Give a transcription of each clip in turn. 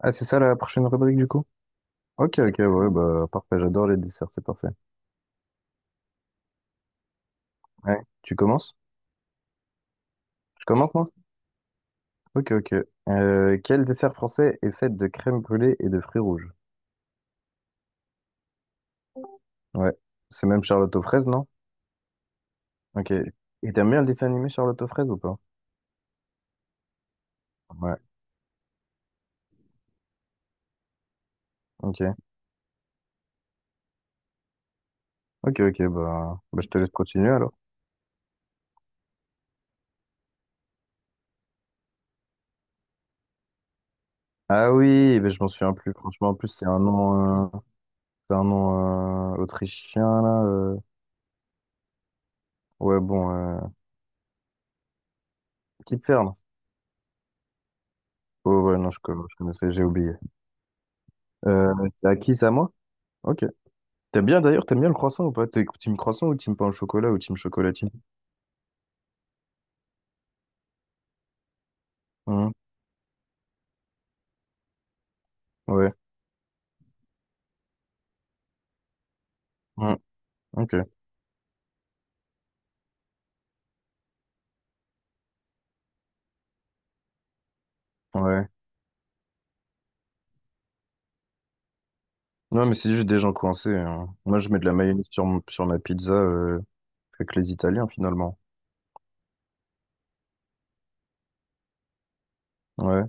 Ah, c'est ça la prochaine rubrique du coup? Ok, ok, ouais, bah parfait, j'adore les desserts, c'est parfait. Ouais. Tu commences? Je commence moi? Ok, ok. Quel dessert français est fait de crème brûlée et de fruits rouges? Ouais, c'est même Charlotte aux fraises, non? Ok. Et t'aimes bien le dessin animé Charlotte aux fraises ou pas? Ouais, ok. Ok, ok, bah, bah je te laisse continuer alors. Ah oui, mais je m'en souviens plus, franchement, en plus c'est un nom autrichien là. Ouais, bon, Kipfern. Oh ouais, non, je connaissais, j'ai oublié. C'est à qui ça, moi? Ok. T'aimes bien d'ailleurs, t'aimes bien le croissant ou pas? T'es team croissant ou team pain au chocolat ou team chocolatine? Hein. Ouais. Hein. Ok. Ouais. Non, mais c'est juste des gens coincés, hein. Moi, je mets de la mayonnaise sur, sur ma pizza avec les Italiens finalement. Ouais.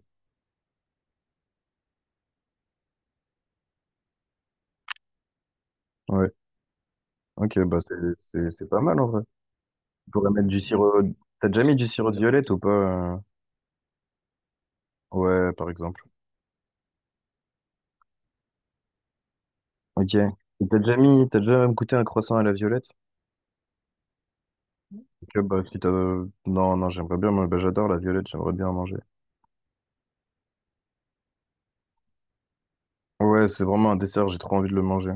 Ouais. Ok, bah c'est pas mal en vrai. Tu pourrais mettre du sirop. T'as déjà mis du sirop de violette ou pas? Ouais, par exemple. Ok. Et t'as déjà goûté un croissant à la violette? Ok, bah si t'as... Non, non, j'aimerais bien, moi, bah, j'adore la violette, j'aimerais bien en manger. Ouais, c'est vraiment un dessert, j'ai trop envie de le manger.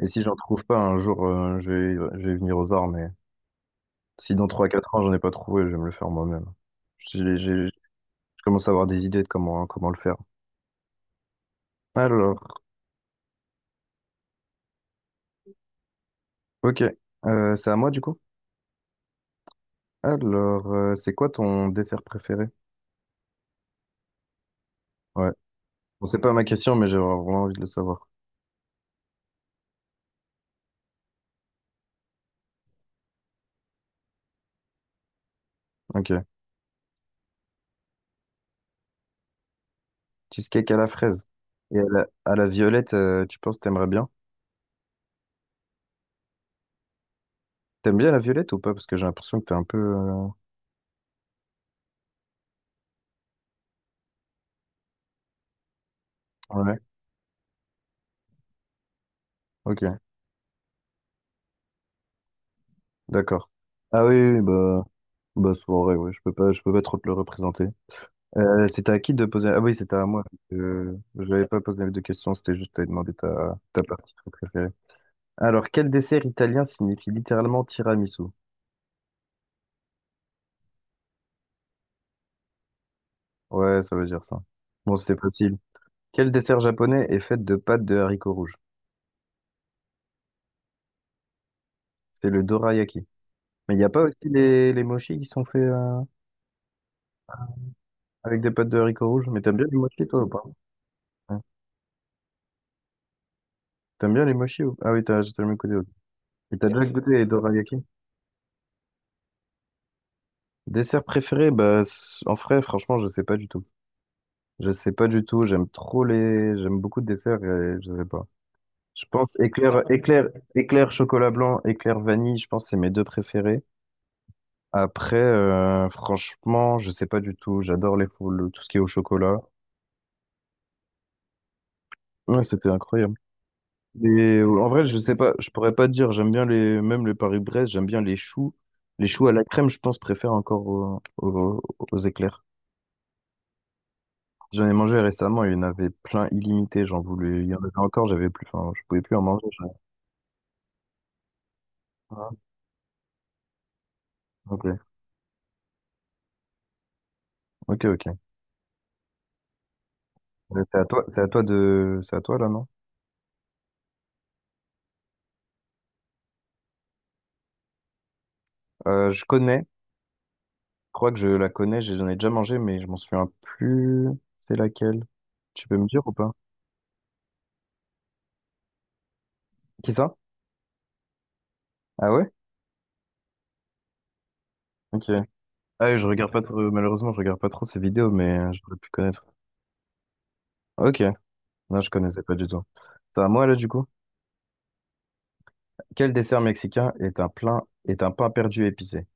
Et si j'en trouve pas un jour, je vais venir aux arts, mais si dans trois quatre ans j'en ai pas trouvé, je vais me le faire moi-même. J'ai- j'ai- Je commence à avoir des idées de comment le faire. Alors, ok. C'est à moi du coup? Alors, c'est quoi ton dessert préféré? Ouais. Bon, c'est pas ma question, mais j'ai vraiment envie de le savoir. Ok. Cheesecake à la fraise. Et à la violette, tu penses que t'aimerais bien? T'aimes bien la violette ou pas? Parce que j'ai l'impression que t'es un peu. Ouais. Ok. D'accord. Ah oui, oui, oui, bah, bah soirée, ouais. Je peux pas trop te le représenter. C'était à qui de poser... Ah oui, c'était à moi. Je n'avais pas posé de questions, c'était juste à demander ta partie préférée. Alors, quel dessert italien signifie littéralement tiramisu? Ouais, ça veut dire ça. Bon, c'est facile. Quel dessert japonais est fait de pâtes de haricots rouges? C'est le dorayaki. Mais il n'y a pas aussi les mochis qui sont faits avec des pâtes de haricots rouges? Mais t'aimes bien les mochis, toi, ou pas? Hein. T'aimes bien les mochis ou... Ah oui, t'as jamais goûté, ok. Et t'as déjà goûté les dorayaki? Dessert préféré? Bah, en vrai, franchement, je sais pas du tout. Je sais pas du tout, j'aime trop les... J'aime beaucoup de desserts et je sais pas. Je pense éclair, éclair chocolat blanc, éclair vanille, je pense que c'est mes deux préférés. Après, franchement, je sais pas du tout. J'adore tout ce qui est au chocolat. Ouais, c'était incroyable. Et en vrai, je sais pas, je pourrais pas te dire. J'aime bien les, même les Paris-Brest, j'aime bien les choux. Les choux à la crème, je pense, préfère encore aux, aux éclairs. J'en ai mangé récemment, il y en avait plein illimité. J'en voulais, il y en avait encore, j'avais plus, enfin, je pouvais plus en manger. Ah, ok. Ok, ok. C'est à toi, c'est à toi là, non? Je crois que je la connais, j'en ai déjà mangé, mais je m'en souviens plus. C'est laquelle? Tu peux me dire ou pas? Qui ça? Ah ouais? Ok. Ah oui, je regarde pas trop, malheureusement, je regarde pas trop ces vidéos, mais j'aurais pu connaître. Ok. Non, je connaissais pas du tout. C'est à moi là, du coup. Quel dessert mexicain est un plein, est un pain perdu épicé?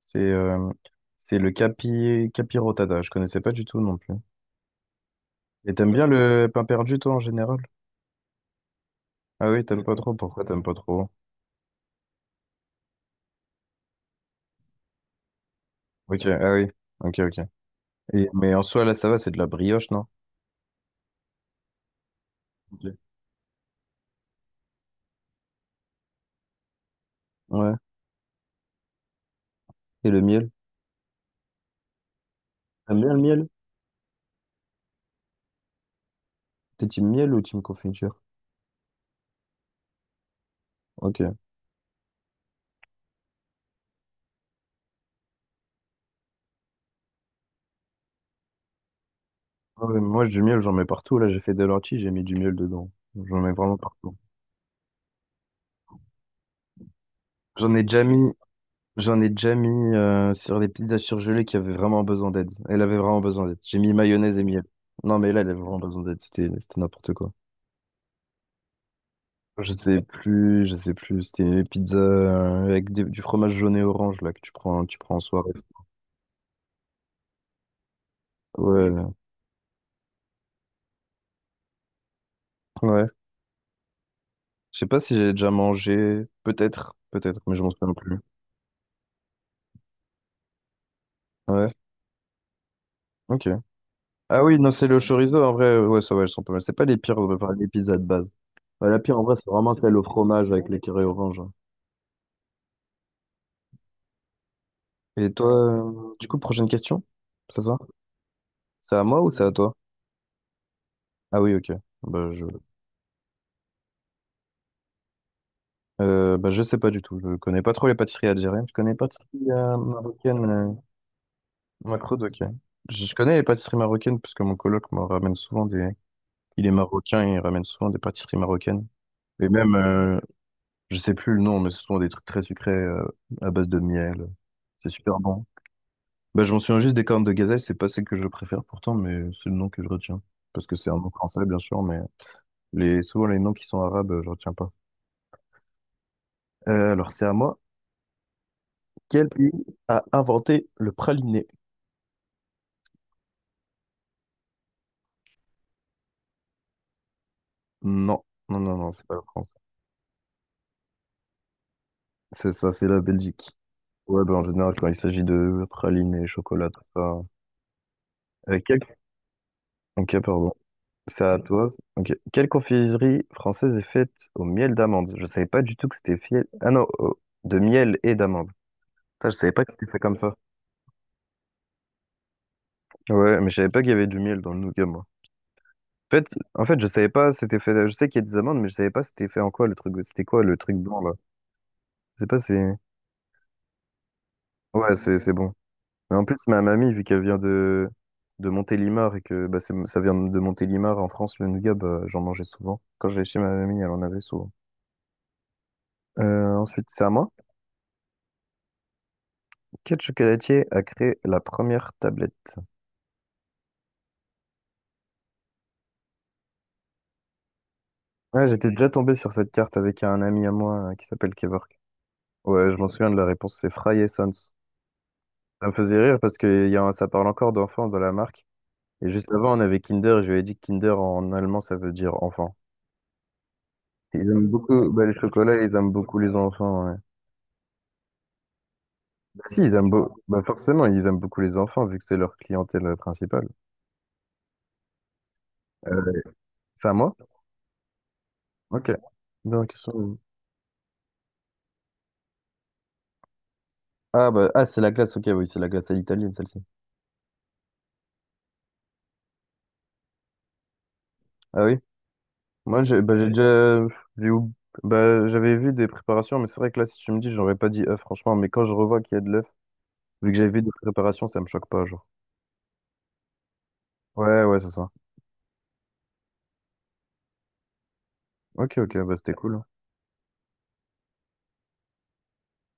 C'est, euh, c'est le capirotada. Je connaissais pas du tout non plus. Et t'aimes bien le pain perdu, toi, en général? Ah oui, t'aimes pas trop. Pourquoi t'aimes pas trop? Ok, ah oui. Ok, ok. Et- mais en soi, là, ça va, c'est de la brioche, non? Ok. Ouais. Et le miel? T'aimes bien le miel? T'es team miel ou team confiture? Ok. Ah ouais, moi, du miel, j'en mets partout. Là, j'ai fait des lentilles, j'ai mis du miel dedans. J'en mets vraiment partout. J'en ai déjà mis, j'en ai déjà mis sur des pizzas surgelées qui avaient vraiment besoin d'aide. Elle avait vraiment besoin d'aide. J'ai mis mayonnaise et miel. Non, mais là, elle avait vraiment besoin d'aide. C'était n'importe quoi. Je sais plus. C'était une pizza avec du fromage jaune et orange là que tu prends en soirée. Ouais, ouais. Je sais pas si j'ai déjà mangé. Peut-être, mais je m'en souviens plus. Ouais, ok. Ah oui, non, c'est le chorizo. En vrai, ouais, ça va, elles sont pas mal. C'est pas les pires, enfin, les pizzas de base. Bah, la pire, en vrai, c'est vraiment celle au fromage avec les carrés orange. Et toi, du coup, prochaine question? C'est ça? C'est à moi ou c'est à toi? Ah oui, ok. Bah, je... bah, je sais pas du tout. Je connais pas trop les pâtisseries algériennes. Je connais pas pâtisseries marocaines. Macroud, ok. Je connais les pâtisseries marocaines parce que mon coloc me ramène souvent des. Il est marocain et il ramène souvent des pâtisseries marocaines. Et même, je sais plus le nom, mais ce sont des trucs très sucrés à base de miel. C'est super bon. Bah, je m'en souviens juste des cornes de gazelle, c'est pas celle que je préfère pourtant, mais c'est le nom que je retiens. Parce que c'est un nom français, bien sûr, mais les, souvent les noms qui sont arabes, je retiens pas. Alors, c'est à moi. Quel pays a inventé le praliné? Non, non, non, non, c'est pas la France. C'est ça, c'est la Belgique. Ouais, bah, en général, quand il s'agit de praliné, chocolat, tout ça. Quel... Ok, pardon. C'est à toi. Ok. Quelle confiserie française est faite au miel d'amande? Je savais pas du tout que c'était fiel. Ah non, de miel et d'amande. Putain, je savais pas que c'était fait comme ça. Ouais, mais je savais pas qu'il y avait du miel dans le nougat, moi. En fait, en fait, je savais pas c'était fait. Je sais qu'il y a des amandes, mais je savais pas c'était fait en quoi le truc. C'était quoi le truc blanc là? Je sais pas si. Ouais, c'est bon. Mais en plus, ma mamie, vu qu'elle vient de Montélimar et que bah, ça vient de Montélimar en France, le nougat, bah, j'en mangeais souvent. Quand j'allais chez ma mamie, elle en avait souvent. Ensuite, c'est à moi. Quel chocolatier a créé la première tablette? Ah, j'étais déjà tombé sur cette carte avec un ami à moi qui s'appelle Kevork. Ouais, je m'en souviens de la réponse, c'est Fry et Sons. Ça me faisait rire parce que ça parle encore d'enfants dans la marque. Et juste avant, on avait Kinder, je lui avais dit que Kinder en allemand, ça veut dire enfant. Ils aiment beaucoup bah, les chocolats, ils aiment beaucoup les enfants, ouais. Bah, si, ils aiment bah, forcément, ils aiment beaucoup les enfants vu que c'est leur clientèle principale. Euh, c'est à moi? Ok. Donc, ils sont- Ah, bah, ah c'est la glace, ok, oui, c'est la glace à l'italienne, celle-ci. Ah oui, moi, j'ai bah, j'ai déjà j'ai oub- bah, j'avais vu des préparations, mais c'est vrai que là, si tu me dis, j'aurais pas dit œuf, franchement. Mais quand je revois qu'il y a de l'œuf, vu que j'avais vu des préparations, ça me choque pas, genre. Ouais, c'est ça. Ok, ok, bah c'était cool.